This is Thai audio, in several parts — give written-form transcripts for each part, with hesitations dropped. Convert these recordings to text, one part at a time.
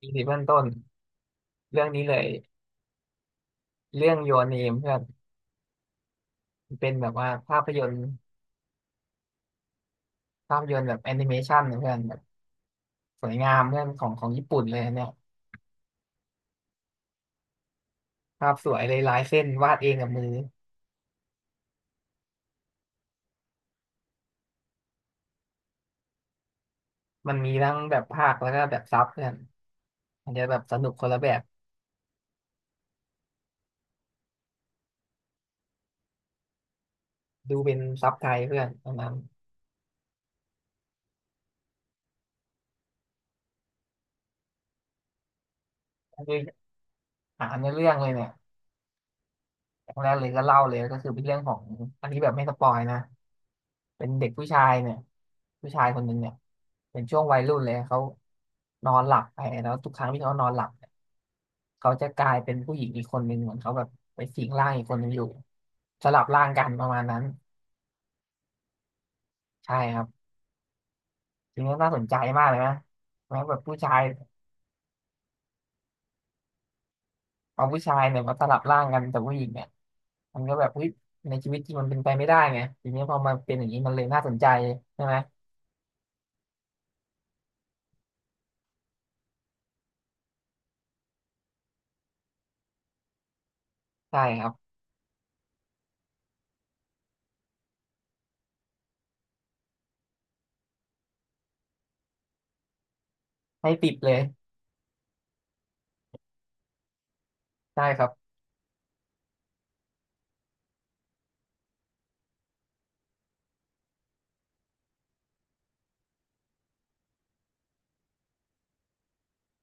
อีพีเบื้องต้นเรื่องนี้เลยเรื่อง Your Name เพื่อนเป็นแบบว่าภาพยนตร์ภาพยนตร์แบบแอนิเมชันเพื่อนแบบสวยงามเพื่อนของของญี่ปุ่นเลยอันเนี่ยภาพสวยเลยลายเส้นวาดเองกับมือมันมีทั้งแบบภาคแล้วก็แบบซับเพื่อนอาจจะแบบสนุกคนละแบบดูเป็นซับไทยเพื่อนตอนนั้นคือหาในอเรื่องเลยเนี่ย อย่างแรกเลยก็เล่าเลยก็คือเป็นเรื่องของอันนี้แบบไม่สปอยนะเป็นเด็กผู้ชายเนี่ยผู้ชายคนหนึ่งเนี่ยเป็นช่วงวัยรุ่นเลยเขานอนหลับไปแล้วทุกครั้งที่เขานอนหลับเนี่ยเขาจะกลายเป็นผู้หญิงอีกคนหนึ่งเหมือนเขาแบบไปสิงร่างอีกคนหนึ่งอยู่สลับร่างกันประมาณนั้นใช่ครับทีนี้น่าสนใจมากเลยนะแม้แบบผู้ชายเอาผู้ชายเนี่ยมาสลับร่างกันแต่ผู้หญิงเนี่ยมันก็แบบอุ๊ยในชีวิตจริงมันเป็นไปไม่ได้ไงทีนี้พอมาเป็นอย่างนี้มันเลยน่าสนใจใช่ไหมใช่ครับ ให้ติดเลยได้ครับ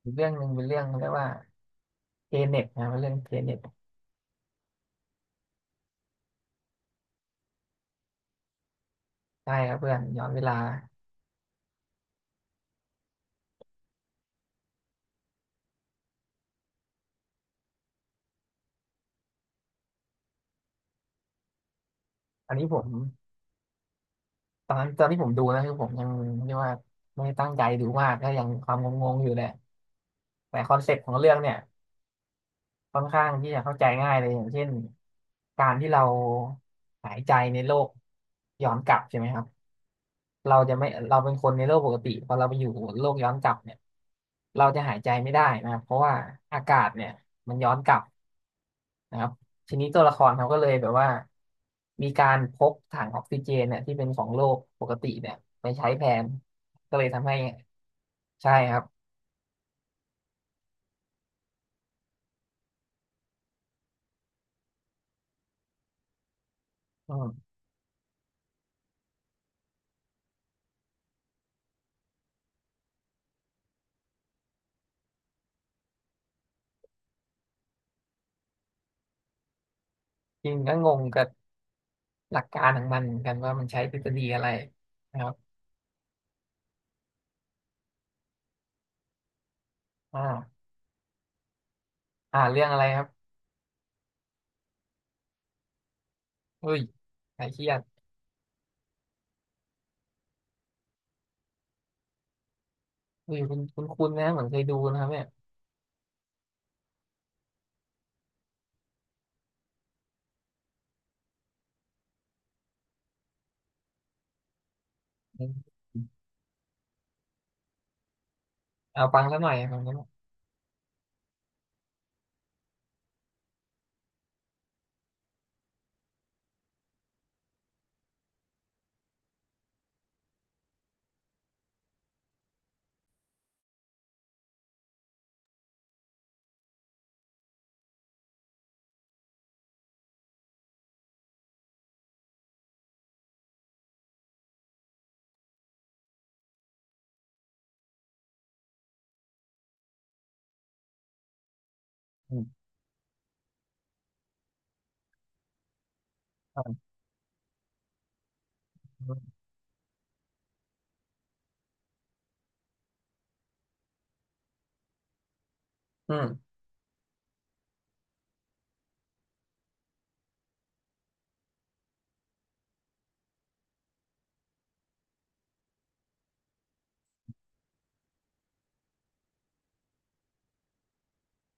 อีกเรื่องหนึ่งเป็นเรื่องเรียกว่าเทเน็ตนะเป็นเรื่องเทเน็ตได้ครับเพื่อนย้อนเวลาอันนี้ผมตอนนั้นตอนที่ผมดูนะคือผมยังเรียกว่าไม่ได้ตั้งใจดูมากก็ยังความงงๆอยู่แหละแต่คอนเซ็ปต์ของเรื่องเนี่ยค่อนข้างที่จะเข้าใจง่ายเลยอย่างเช่นการที่เราหายใจในโลกย้อนกลับใช่ไหมครับ เราจะไม่เราเป็นคนในโลกปกติพอเราไปอยู่โลกย้อนกลับเนี่ยเราจะหายใจไม่ได้นะครับเพราะว่าอากาศเนี่ยมันย้อนกลับนะครับทีนี้ตัวละครเขาก็เลยแบบว่ามีการพกถังออกซิเจนเนี่ยที่เป็นของโลกปกติเนี่ยไปใช้แทนก็เลยทำให้ใช่ครับอืมจริงก็งงกับหลักการของมันเหมือนกันว่ามันใช้ทฤษฎีอะไรนะครับอ่าเรื่องอะไรครับเฮ้ยใครเครียดเฮ้ยคุณนะเหมือนเคยดูนะครับเนี่ยอืม เอาฟังซะหน่อยฟังซะหน่อยอืมฟังอืม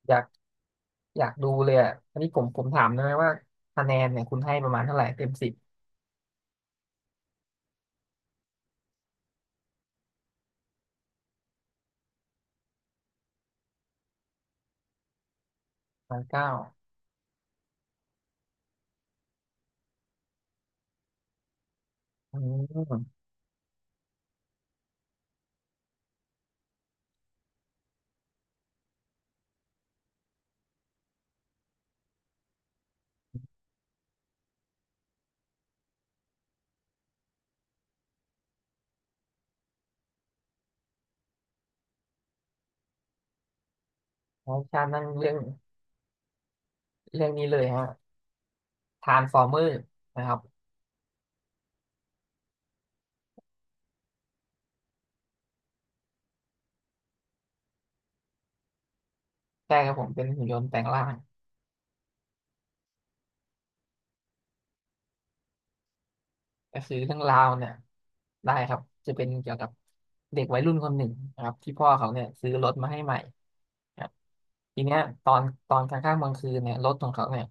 อยากอยากดูเลยอ่ะอันนี้ผมถามได้ไหมว่าคะแนนเนี่ยคุณให้ประมาณเท่าไหร่เต็มสิบประมาณเก้าอืมใช้ชาตินั่นเรื่องเรื่องนี้เลยฮะทรานส์ฟอร์เมอร์นะครับใช่ครับผมเป็นหุ่นยนต์แปลงร่างก็คือเรื่องราวเนี่ยได้ครับจะเป็นเกี่ยวกับเด็กวัยรุ่นคนหนึ่งนะครับที่พ่อเขาเนี่ยซื้อรถมาให้ใหม่ครับทีเนี้ยตอนตอนกลางค่ำกลางคืนเนี่ยรถของเขาเนี่ย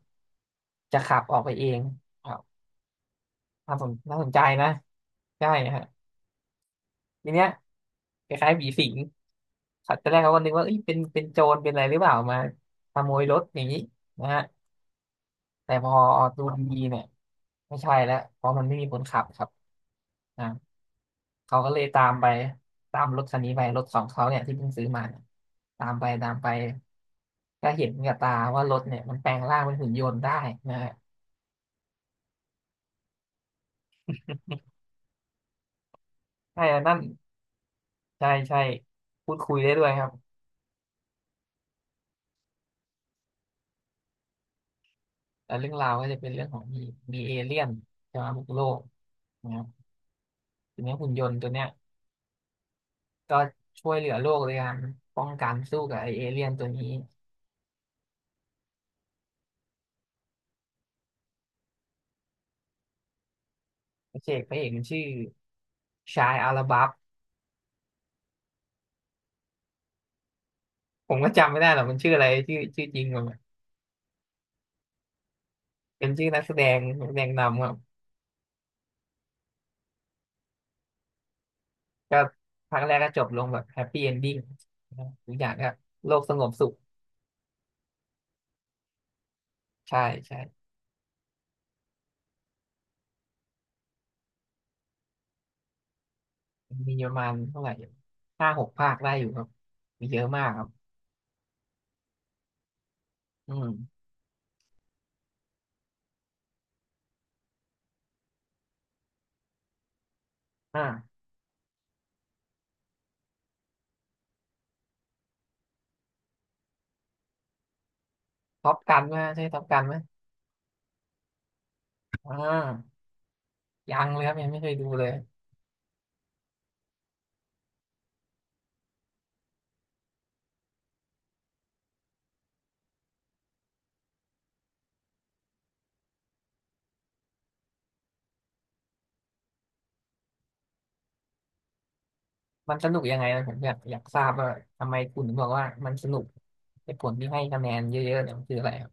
จะขับออกไปเองครับ น่าสนใจนะใช่ฮะทีเนี้ยคล้ายๆผีสิงครับตอนแรกเขาก็นึกว่าเอ้ยเป็นเป็นโจรเป็นอะไรหรือเปล่ามาขโมยรถอย่างนี้นะฮะแต่พอดูดีๆเนี่ยไม่ใช่แล้วเพราะมันไม่มีคนขับครับอ่าเขาก็เลยตามไปตามรถคันนี้ไปรถของเขาเนี่ยที่เพิ่งซื้อมาเนี่ยตามไปตามไปก็เห็นกับตาว่ารถเนี่ยมันแปลงร่างเป็นหุ่นยนต์ได้นะฮะใช่แล้วนั่นใช่ใช่พูดคุยได้ด้วยครับ แล้วเรื่องราวก็จะเป็นเรื่องของมีมีเอเลี่ยนจะมาบุกโลกนะครับทีนี้หุ่นยนต์ตัวเนี้ยก็ช่วยเหลือโลกในการป้องกันสู้กับไอเอเลี่ยนตัวนี้พระเอกมันชื่อชายอาราบัฟผมก็จำไม่ได้หรอกมันชื่ออะไรชื่อชื่อจริงมันเป็นชื่อนักแสดงนำครับก็ภาัแรกก็จบลงแบบแฮปปี้เอนดิ้งทุกอย่างก็โลกสงบสุขใช่ใช่มีประมาณเท่าไหร่ห้าหกภาคได้อยู่ครับมีเยอะมากครับอืมอ่า ท็อปกันไหมใช่ท็อปกันไหมอ่ายังเลยครับยังไม่เคยดูเลยมันสนุกยังไงนะผมอยากทราบว่าทำไมคุณถึงบอกว่ามันสนุกเหตุผลที่ให้คะแนนเยอะๆเนี่ยมันคืออะไรครับ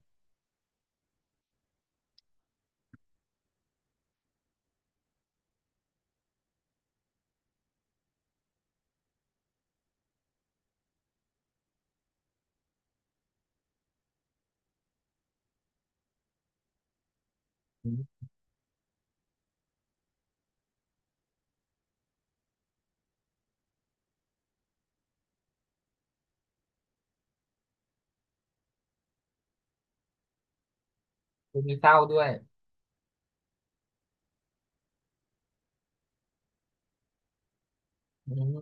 อืมมีเศร้าด้วยอืม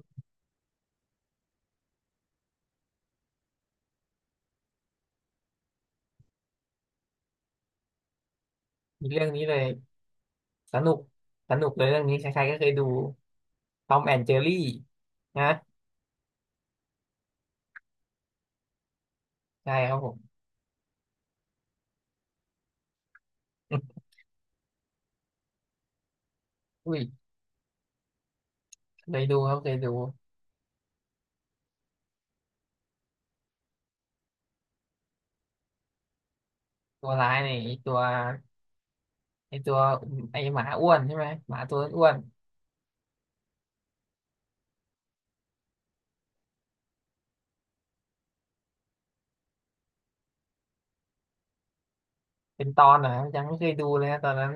มีเรื่องนี้เลยสนุกสนุกเลยเรื่องนี้ใครๆก็เคยดูทอมแอนเจอรี่นะใช่ครับผม อุ้ยเคยดูครับเคยดูตัวร้ายเนี่ยไอ้ตัวไอตัวไอหมาอ้วนใช่ไหมหมาตัวอ้วนๆเป็นตอนเหรอครับยังไม่เคยดูเลยนะตอนนั้น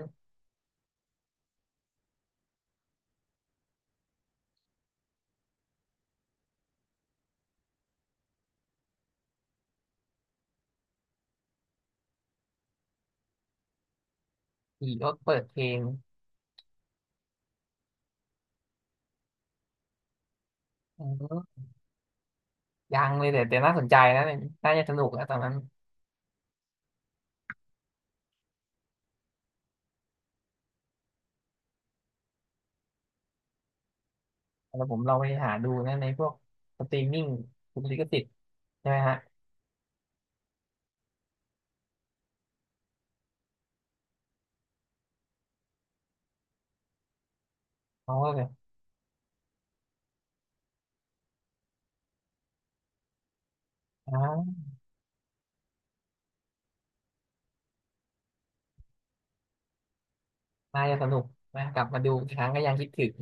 ขี่รถเปิดเพลง อ๋อยังเลยแต่แต่น่าสนใจนะน่าจะสนุกนะตอนนั้นแล้วผมเราไปหาดูนะในพวกสตรีมมิ่งคุณลิขสิทธิ์ใช่ไหมฮะเขาก็แบบอ้าวน่าจะสนุกนะกลับมาดูอีกครั้งก็ยังคิดถึง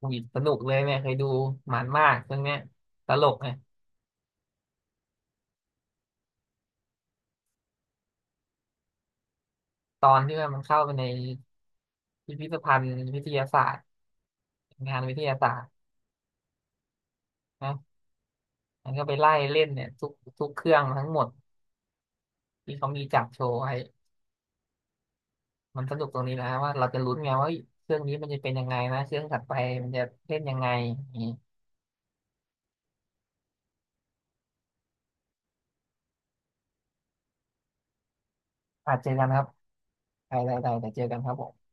อุ้ยสนุกเลยเนี่ยเคยดูมันมากเรื่องเนี้ยตลกไงตอนที่ว่ามันเข้าไปในพิพิธภัณฑ์วิทยาศาสตร์งานวิทยาศาสตร์นะมันก็ไปไล่เล่นเนี่ยทุกทุกเครื่องทั้งหมดที่เขามีจัดโชว์ไว้ มันสนุกตรงนี้นะว่าเราจะลุ้นไงว่าเฮ้ยเครื่องนี้มันจะเป็นยังไงนะเครื่องถัดไปมันจะเล่นยังไงอย่างนี้อาจเจอกันครับไปๆๆเดี๋ยวเจอกันครับผม